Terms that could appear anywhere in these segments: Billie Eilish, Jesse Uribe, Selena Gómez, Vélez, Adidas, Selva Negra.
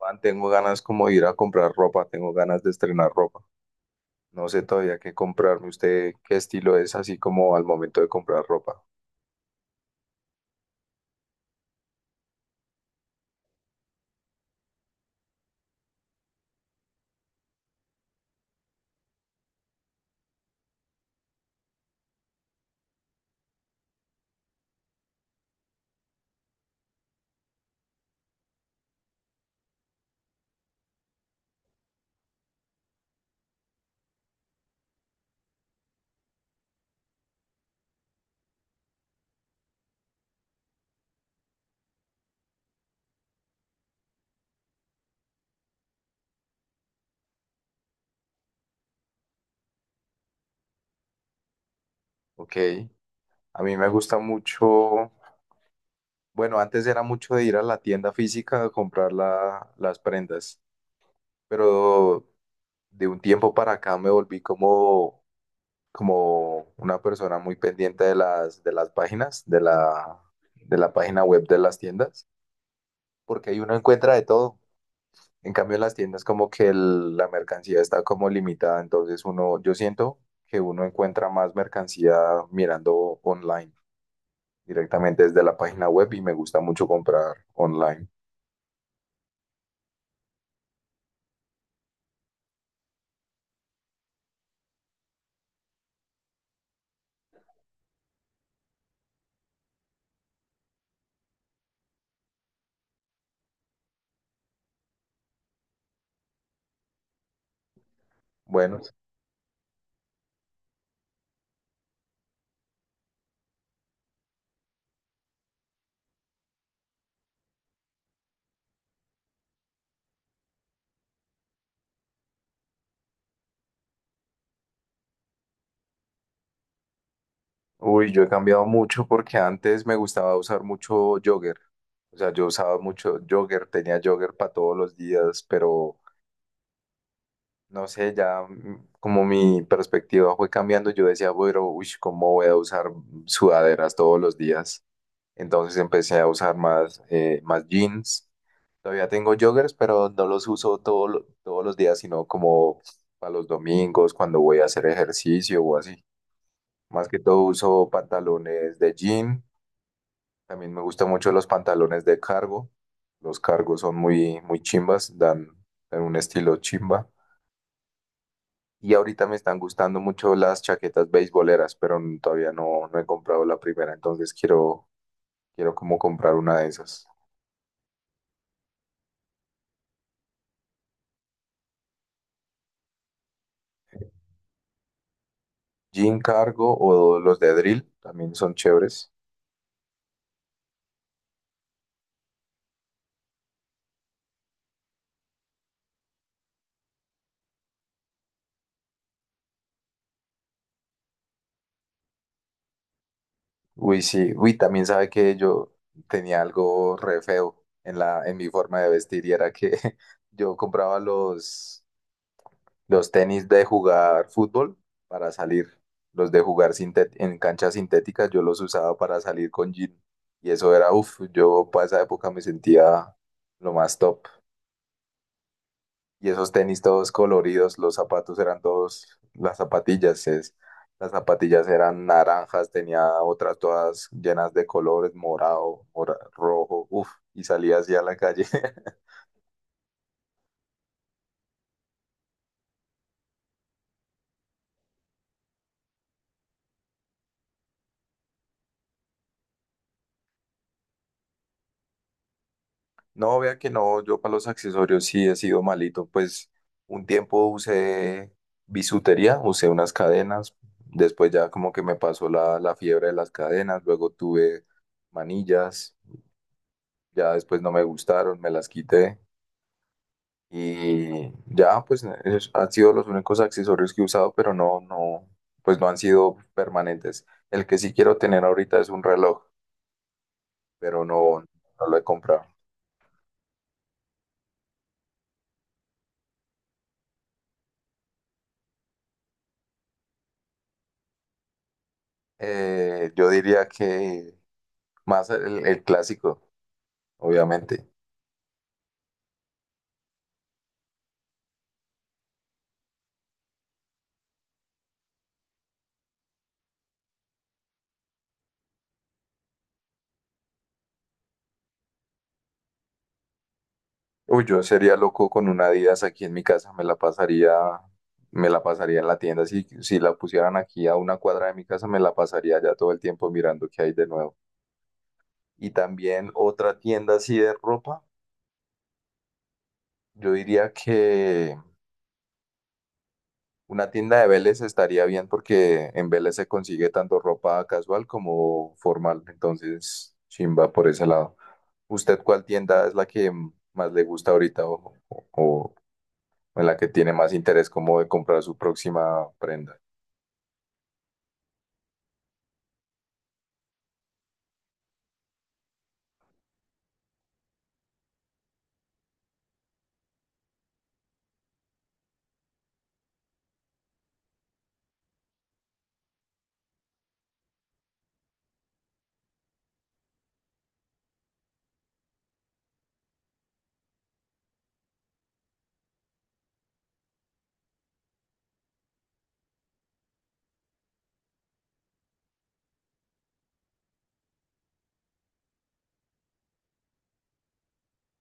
Man, tengo ganas como de ir a comprar ropa, tengo ganas de estrenar ropa. No sé todavía qué comprarme. ¿Usted qué estilo es así como al momento de comprar ropa? Ok, a mí me gusta mucho, bueno, antes era mucho de ir a la tienda física a comprar las prendas, pero de un tiempo para acá me volví como, como una persona muy pendiente de de las páginas, de la página web de las tiendas, porque ahí uno encuentra de todo. En cambio, en las tiendas como que la mercancía está como limitada, entonces uno, yo siento que uno encuentra más mercancía mirando online, directamente desde la página web y me gusta mucho comprar online. Bueno, uy, yo he cambiado mucho porque antes me gustaba usar mucho jogger, o sea, yo usaba mucho jogger, tenía jogger para todos los días, pero no sé, ya como mi perspectiva fue cambiando, yo decía, bueno, uy, ¿cómo voy a usar sudaderas todos los días? Entonces empecé a usar más, más jeans. Todavía tengo joggers, pero no los uso todos los días, sino como para los domingos, cuando voy a hacer ejercicio o así. Más que todo uso pantalones de jean. También me gustan mucho los pantalones de cargo. Los cargos son muy, muy chimbas, dan, dan un estilo chimba. Y ahorita me están gustando mucho las chaquetas beisboleras, pero todavía no he comprado la primera, entonces quiero, quiero como comprar una de esas. Jim Cargo o los de Drill también son chéveres. Uy, sí, uy, también sabe que yo tenía algo re feo en mi forma de vestir y era que yo compraba los tenis de jugar fútbol para salir, los de jugar en canchas sintéticas, yo los usaba para salir con jean y eso era, uff, yo para esa época me sentía lo más top. Y esos tenis todos coloridos, los zapatos eran todos, las zapatillas, las zapatillas eran naranjas, tenía otras todas llenas de colores, morado, rojo, uff, y salía así a la calle. No, vea que no, yo para los accesorios sí he sido malito, pues un tiempo usé bisutería, usé unas cadenas, después ya como que me pasó la fiebre de las cadenas, luego tuve manillas, ya después no me gustaron, me las quité. Y ya, pues han sido los únicos accesorios que he usado, pero no, no, pues no han sido permanentes. El que sí quiero tener ahorita es un reloj, pero no, no lo he comprado. Yo diría que más el clásico, obviamente. Uy, yo sería loco con una Adidas aquí en mi casa, me la pasaría en la tienda. Si, si la pusieran aquí a una cuadra de mi casa, me la pasaría ya todo el tiempo mirando qué hay de nuevo. Y también otra tienda así de ropa. Yo diría que una tienda de Vélez estaría bien porque en Vélez se consigue tanto ropa casual como formal. Entonces, chimba por ese lado. ¿Usted cuál tienda es la que más le gusta ahorita o en la que tiene más interés como de comprar su próxima prenda?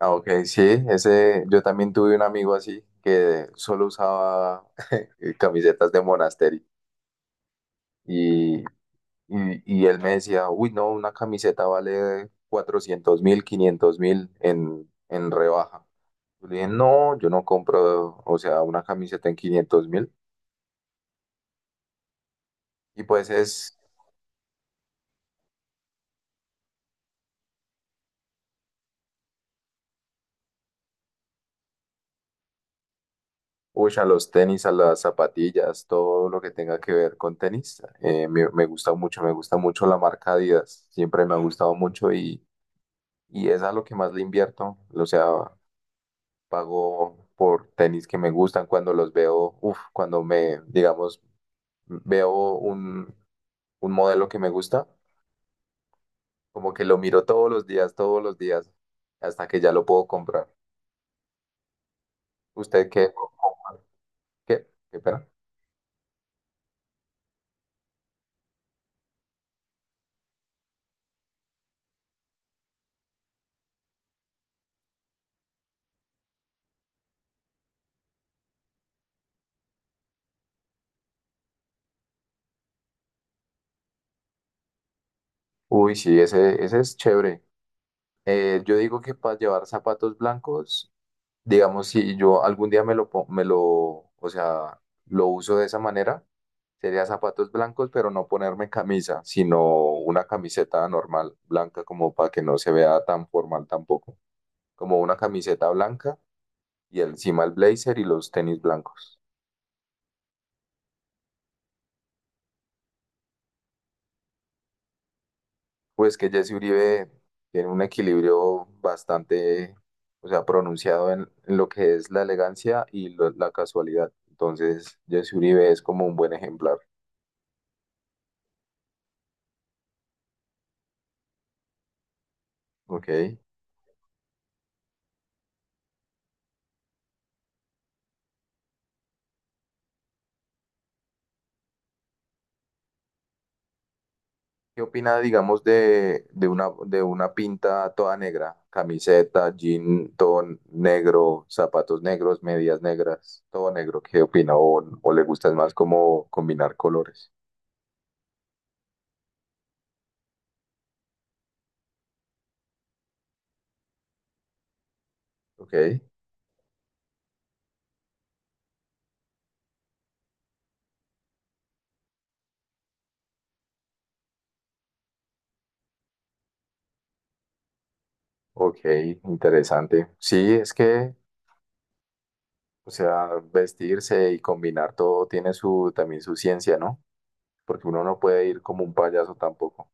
Ah, ok, sí, ese, yo también tuve un amigo así que solo usaba camisetas de monasterio. Y él me decía, uy, no, una camiseta vale 400.000, 500.000 en rebaja. Yo le dije, no, yo no compro, o sea, una camiseta en 500.000. Y pues es, uy, a los tenis, a las zapatillas, todo lo que tenga que ver con tenis. Me, me gusta mucho la marca Adidas. Siempre me ha gustado mucho y es a lo que más le invierto. O sea, pago por tenis que me gustan cuando los veo, uff, cuando me, digamos, veo un modelo que me gusta, como que lo miro todos los días, hasta que ya lo puedo comprar. ¿Usted qué? ¿Qué? ¿Qué pena? Uy, sí, ese es chévere. Yo digo que para llevar zapatos blancos, digamos, si yo algún día me me lo, o sea, lo uso de esa manera, sería zapatos blancos, pero no ponerme camisa, sino una camiseta normal, blanca, como para que no se vea tan formal tampoco. Como una camiseta blanca y encima el blazer y los tenis blancos. Pues que Jesse Uribe tiene un equilibrio bastante, o sea, pronunciado en lo que es la elegancia y la casualidad. Entonces, Jesse Uribe es como un buen ejemplar, ¿ok? ¿Qué opina, digamos, de una pinta toda negra? Camiseta, jean, todo negro, zapatos negros, medias negras, todo negro. ¿Qué opina? O le gusta más como combinar colores? ¿Ok? Ok, interesante. Sí, es que, o sea, vestirse y combinar todo tiene su también su ciencia, ¿no? Porque uno no puede ir como un payaso tampoco.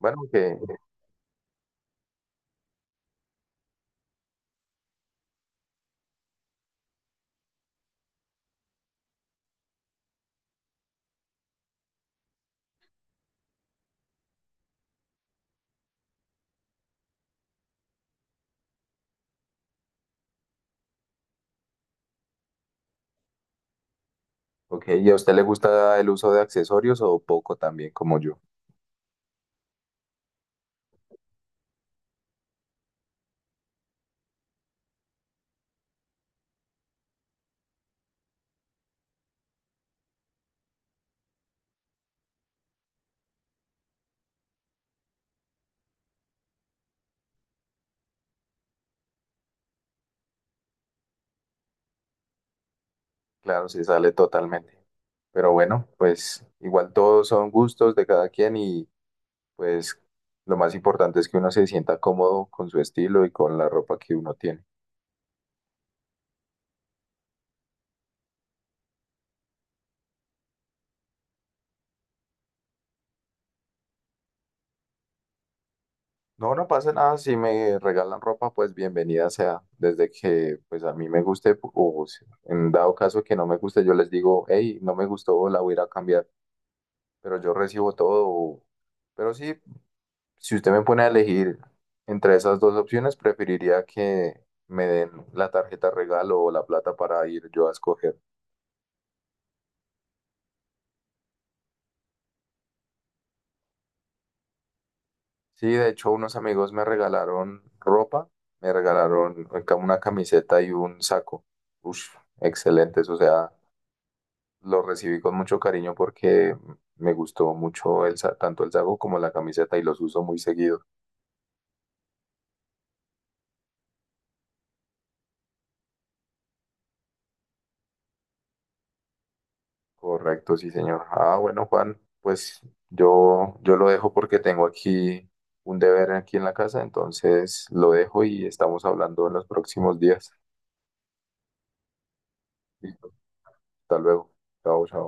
Bueno, que, ok, ¿y a usted le gusta el uso de accesorios o poco también como yo? Claro, se sale totalmente. Pero bueno, pues igual todos son gustos de cada quien y pues lo más importante es que uno se sienta cómodo con su estilo y con la ropa que uno tiene. No, no pasa nada. Si me regalan ropa, pues bienvenida sea. Desde que pues a mí me guste, o en dado caso que no me guste, yo les digo, hey, no me gustó, la voy a ir a cambiar. Pero yo recibo todo. O- Pero sí, si usted me pone a elegir entre esas dos opciones, preferiría que me den la tarjeta regalo o la plata para ir yo a escoger. Sí, de hecho, unos amigos me regalaron ropa, me regalaron una camiseta y un saco. Ush, excelentes, o sea. Lo recibí con mucho cariño porque me gustó mucho tanto el saco como la camiseta y los uso muy seguido. Correcto, sí, señor. Ah, bueno, Juan, pues yo lo dejo porque tengo aquí un deber aquí en la casa, entonces lo dejo y estamos hablando en los próximos días. Listo, hasta luego. Chao, chao.